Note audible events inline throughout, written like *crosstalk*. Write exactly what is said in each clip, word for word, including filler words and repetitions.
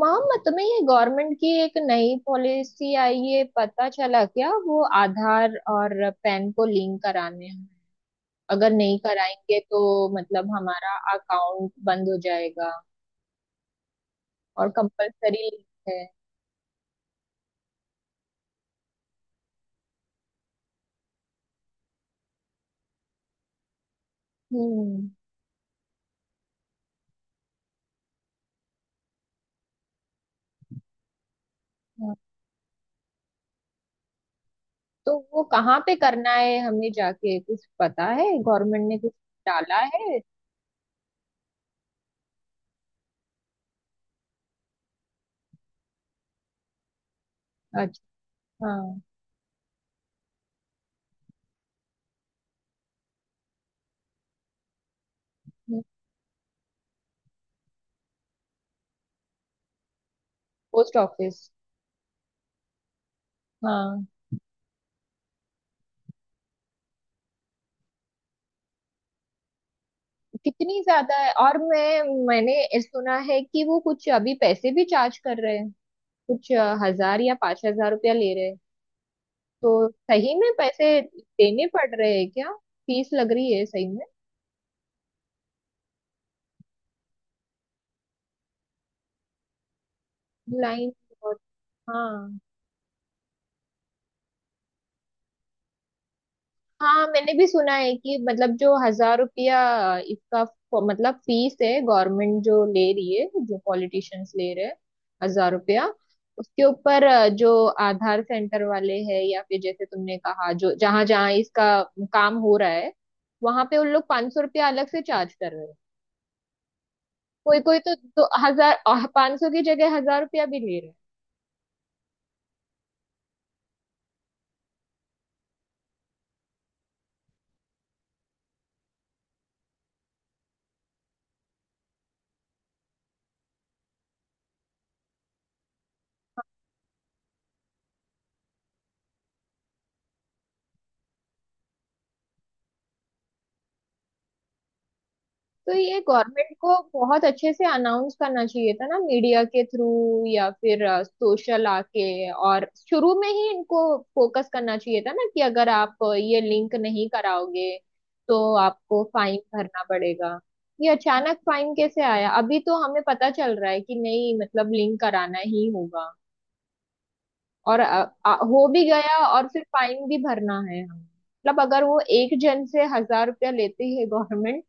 मामा, तुम्हें ये गवर्नमेंट की एक नई पॉलिसी आई है पता चला? क्या वो आधार और पैन को लिंक कराने हैं। अगर नहीं कराएंगे तो मतलब हमारा अकाउंट बंद हो जाएगा। और कंपलसरी लिंक है। हम्म। हाँ। तो वो कहाँ पे करना है हमें जाके? कुछ पता है गवर्नमेंट ने कुछ डाला है? अच्छा। हाँ। Post office. हाँ। कितनी ज्यादा है। और मैं मैंने सुना है कि वो कुछ अभी पैसे भी चार्ज कर रहे हैं। कुछ अ, हजार या पांच हजार रुपया ले रहे हैं। तो सही में पैसे देने पड़ रहे हैं क्या? फीस लग रही है सही में? लाइन बहुत। हाँ। हाँ मैंने भी सुना है कि मतलब जो हजार रुपया इसका फ- मतलब फीस है, गवर्नमेंट जो ले रही है, जो पॉलिटिशियंस ले रहे हैं। हजार रुपया उसके ऊपर अ, जो आधार सेंटर वाले हैं, या फिर जैसे तुमने कहा जो जहां जहां इसका काम हो रहा है वहां पे, उन लोग पांच सौ रुपया अलग से चार्ज कर रहे हैं। कोई कोई तो, तो हजार, पांच सौ की जगह हजार रुपया भी ले रहे हैं। तो ये गवर्नमेंट को बहुत अच्छे से अनाउंस करना चाहिए था ना, मीडिया के थ्रू या फिर सोशल आके। और शुरू में ही इनको फोकस करना चाहिए था ना, कि अगर आप ये लिंक नहीं कराओगे तो आपको फाइन भरना पड़ेगा। ये अचानक फाइन कैसे आया? अभी तो हमें पता चल रहा है कि नहीं मतलब लिंक कराना ही होगा, और अ- आ, हो भी गया और फिर फाइन भी भरना है हमें। मतलब अगर वो एक जन से हजार रुपया लेती है गवर्नमेंट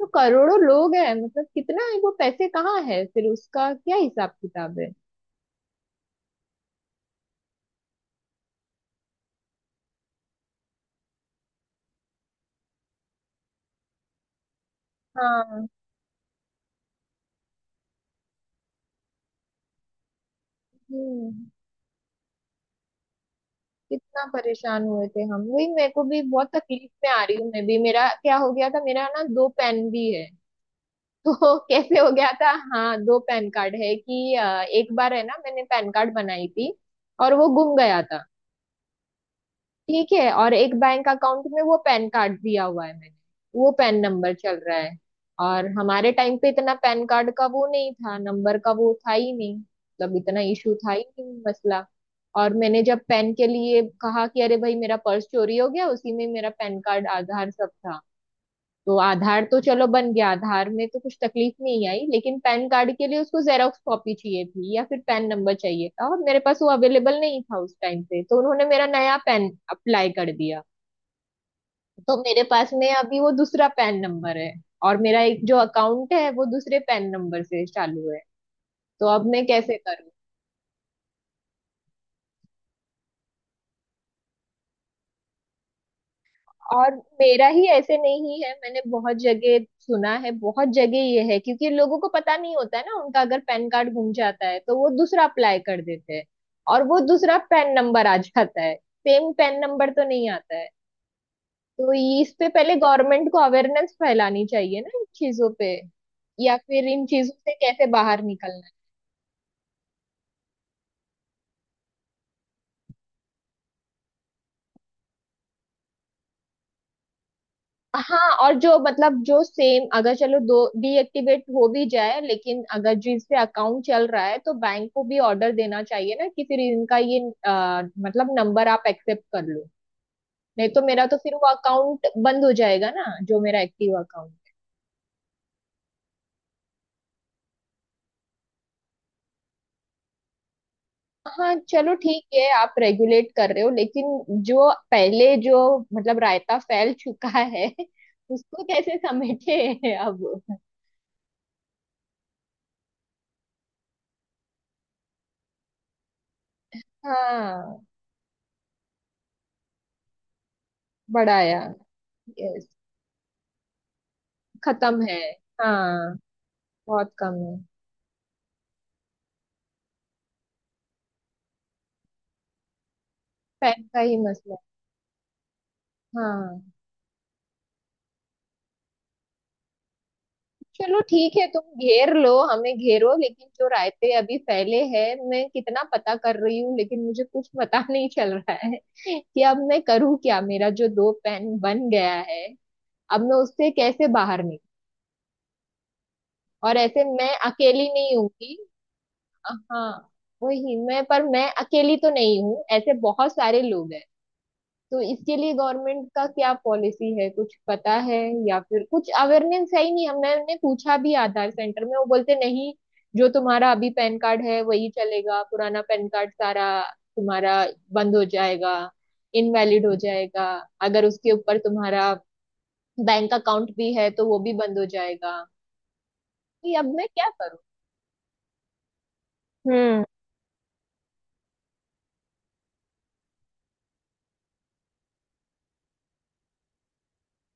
तो करोड़ों लोग हैं, मतलब कितना है वो पैसे, कहाँ है फिर उसका क्या हिसाब किताब है? हाँ। हम्म। कितना परेशान हुए थे हम, वही मेरे को भी बहुत तकलीफ में आ रही हूँ मैं भी। मेरा क्या हो गया था, मेरा ना दो पेन भी है। *laughs* तो कैसे हो गया था? हाँ दो पैन कार्ड है कि अ, एक बार है ना, मैंने पैन कार्ड बनाई थी और वो गुम गया था। ठीक है, और एक बैंक अकाउंट में वो पैन कार्ड दिया हुआ है मैंने, वो पैन नंबर चल रहा है। और हमारे टाइम पे इतना पैन कार्ड का वो नहीं था, नंबर का वो था ही नहीं, मतलब इतना इशू था ही नहीं मसला। और मैंने जब पैन के लिए कहा कि अरे भाई मेरा पर्स चोरी हो गया, उसी में मेरा पैन कार्ड, आधार सब था। तो आधार तो चलो बन गया, आधार में तो कुछ तकलीफ नहीं आई, लेकिन पैन कार्ड के लिए उसको जेरॉक्स कॉपी चाहिए थी या फिर पैन नंबर चाहिए था, और मेरे पास वो अवेलेबल नहीं था उस टाइम पे, तो उन्होंने मेरा नया पैन अप्लाई कर दिया। तो मेरे पास में अभी वो दूसरा पैन नंबर है। और मेरा एक जो अकाउंट है वो दूसरे पैन नंबर से चालू है। तो अब मैं कैसे करूँ? और मेरा ही ऐसे नहीं है, मैंने बहुत जगह सुना है, बहुत जगह ये है। क्योंकि लोगों को पता नहीं होता है ना, उनका अगर पैन कार्ड गुम जाता है तो वो दूसरा अप्लाई कर देते हैं, और वो दूसरा पैन नंबर आ जाता है। सेम पैन नंबर तो नहीं आता है। तो ये- इस पे पहले गवर्नमेंट को अवेयरनेस फैलानी चाहिए ना इन चीजों पे। या फिर इन चीजों से कैसे बाहर निकलना। हाँ। और जो मतलब जो सेम, अगर चलो दो डीएक्टिवेट हो भी जाए, लेकिन अगर जिस पे अकाउंट चल रहा है तो बैंक को भी ऑर्डर देना चाहिए ना, कि फिर इनका ये अ, मतलब नंबर आप एक्सेप्ट कर लो। नहीं तो मेरा तो फिर वो अकाउंट बंद हो जाएगा ना, जो मेरा एक्टिव अकाउंट। हाँ चलो ठीक है, आप रेगुलेट कर रहे हो, लेकिन जो पहले जो मतलब रायता फैल चुका है *laughs* उसको कैसे समेटे *laughs* अब? हाँ। बढ़ाया। यस। खत्म है। हाँ बहुत कम है। पैन का ही मसला है। हाँ चलो ठीक है तुम घेर लो, हमें घेरो, लेकिन जो रायते अभी फैले हैं मैं कितना पता कर रही हूँ, लेकिन मुझे कुछ पता *laughs* नहीं चल रहा है कि अब मैं करूँ क्या। मेरा जो दो पैन बन गया है, अब मैं उससे कैसे बाहर निकलूँ? और ऐसे मैं अकेली नहीं हूँगी। हाँ, वही मैं, पर मैं अकेली तो नहीं हूँ, ऐसे बहुत सारे लोग हैं। तो इसके लिए गवर्नमेंट का क्या पॉलिसी है, कुछ पता है? या फिर कुछ अवेयरनेस है ही नहीं। हमने हमने पूछा भी आधार सेंटर में, वो बोलते, नहीं जो तुम्हारा अभी पैन कार्ड है वही चलेगा, पुराना पैन कार्ड सारा तुम्हारा बंद हो जाएगा, इनवैलिड हो जाएगा। अगर उसके ऊपर तुम्हारा बैंक अकाउंट भी है तो वो भी बंद हो जाएगा। कि अब मैं क्या करूं? हम्म।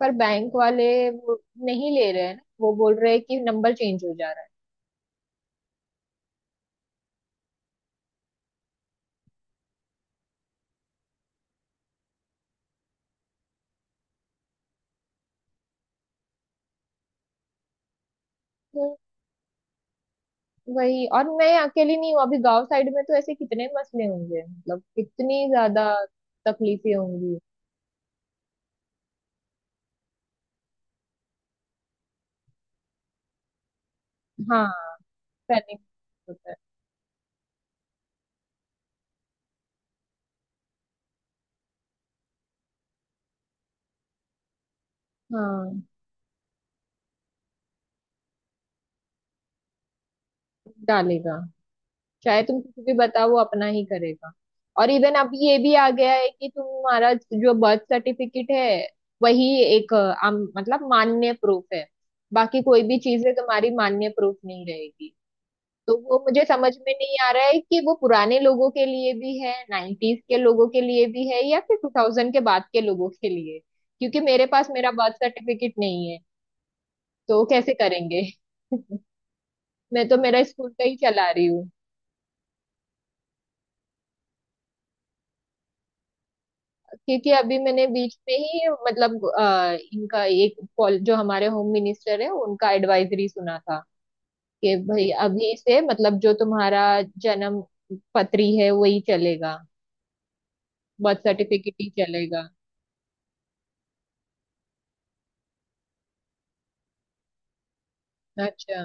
पर बैंक वाले वो नहीं ले रहे हैं ना, वो बोल रहे हैं कि नंबर चेंज हो जा रहा है। वही, और मैं अकेली नहीं हूँ अभी, गांव साइड में तो ऐसे कितने मसले होंगे, मतलब कितनी ज्यादा तकलीफें होंगी। हाँ। पैनिक होता है। हाँ। डालेगा। चाहे तुम किसी भी बताओ, वो अपना ही करेगा। और इवन अब ये भी आ गया है कि तुम्हारा जो बर्थ सर्टिफिकेट है वही एक अ, आम, मतलब मान्य प्रूफ है। बाकी कोई भी चीजें तुम्हारी मान्य प्रूफ नहीं रहेगी। तो वो मुझे समझ में नहीं आ रहा है कि वो पुराने लोगों के लिए भी है, नाइन्टीज के लोगों के लिए भी है, या फिर टू थाउजेंड के बाद के लोगों के लिए, क्योंकि मेरे पास मेरा बर्थ सर्टिफिकेट नहीं है तो कैसे करेंगे? *laughs* मैं तो मेरा स्कूल का ही चला रही हूँ। क्योंकि अभी मैंने बीच में ही मतलब अ, इनका एक पॉल- जो हमारे होम मिनिस्टर है उनका एडवाइजरी सुना था, कि भाई अभी से मतलब जो तुम्हारा जन्म पत्री है वही चलेगा, बर्थ सर्टिफिकेट ही चलेगा। अच्छा।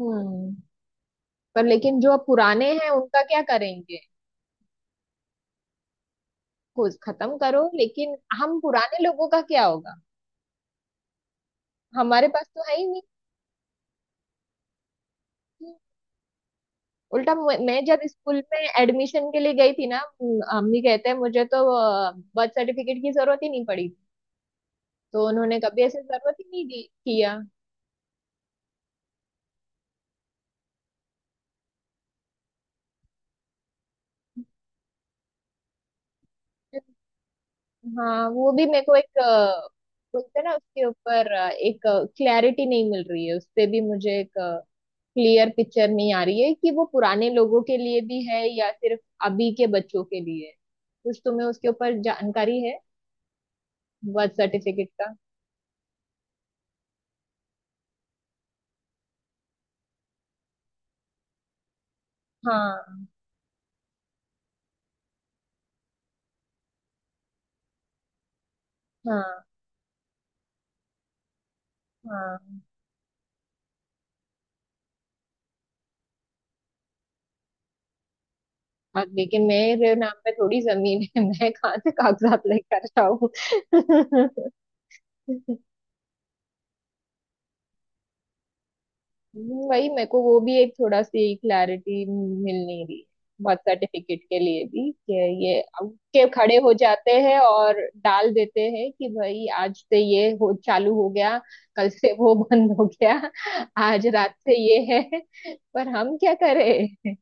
हम्म। पर लेकिन जो अब पुराने हैं उनका क्या करेंगे? कुछ खत्म करो, लेकिन हम पुराने लोगों का क्या होगा? हमारे पास तो है ही नहीं। उल्टा मु- मैं जब स्कूल में एडमिशन के लिए गई थी ना, म, अम्मी कहते हैं मुझे तो बर्थ सर्टिफिकेट की जरूरत ही नहीं पड़ी, तो उन्होंने कभी ऐसे जरूरत ही नहीं दी किया। हाँ वो भी मेरे को एक अ, बोलते हैं ना, उसके ऊपर अ, एक क्लैरिटी नहीं मिल रही है, उस पे भी मुझे एक क्लियर पिक्चर नहीं आ रही है कि वो पुराने लोगों के लिए भी है या सिर्फ अभी के बच्चों के लिए है। कुछ तुम्हें उसके ऊपर जानकारी है बर्थ सर्टिफिकेट का? हाँ, हाँ, हाँ। और लेकिन मेरे नाम पे थोड़ी जमीन है *laughs* मैं कहाँ से कागजात लेकर आऊँ? *laughs* हम्म, वही मेरे को वो भी एक थोड़ा सी क्लैरिटी मिल नहीं रही है बर्थ सर्टिफिकेट के लिए भी, कि ये अब के खड़े हो जाते हैं और डाल देते हैं कि भाई आज से ये हो चालू हो गया, कल से वो *laughs* बंद हो गया, आज रात से ये है। पर हम क्या करें?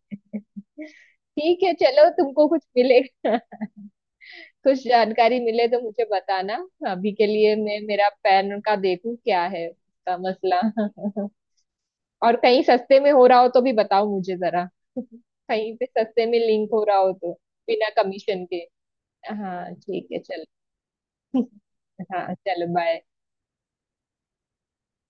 ठीक है चलो, तुमको कुछ मिलेगा कुछ जानकारी मिले तो मुझे बताना। अभी के लिए मैं मेरा पैन का देखूं क्या है उसका मसला। और कहीं सस्ते में हो रहा हो तो भी बताओ मुझे जरा। *laughs* कहीं पे सस्ते में लिंक हो रहा हो तो, बिना कमीशन के। हाँ ठीक है चलो। *laughs* हाँ चलो, बाय।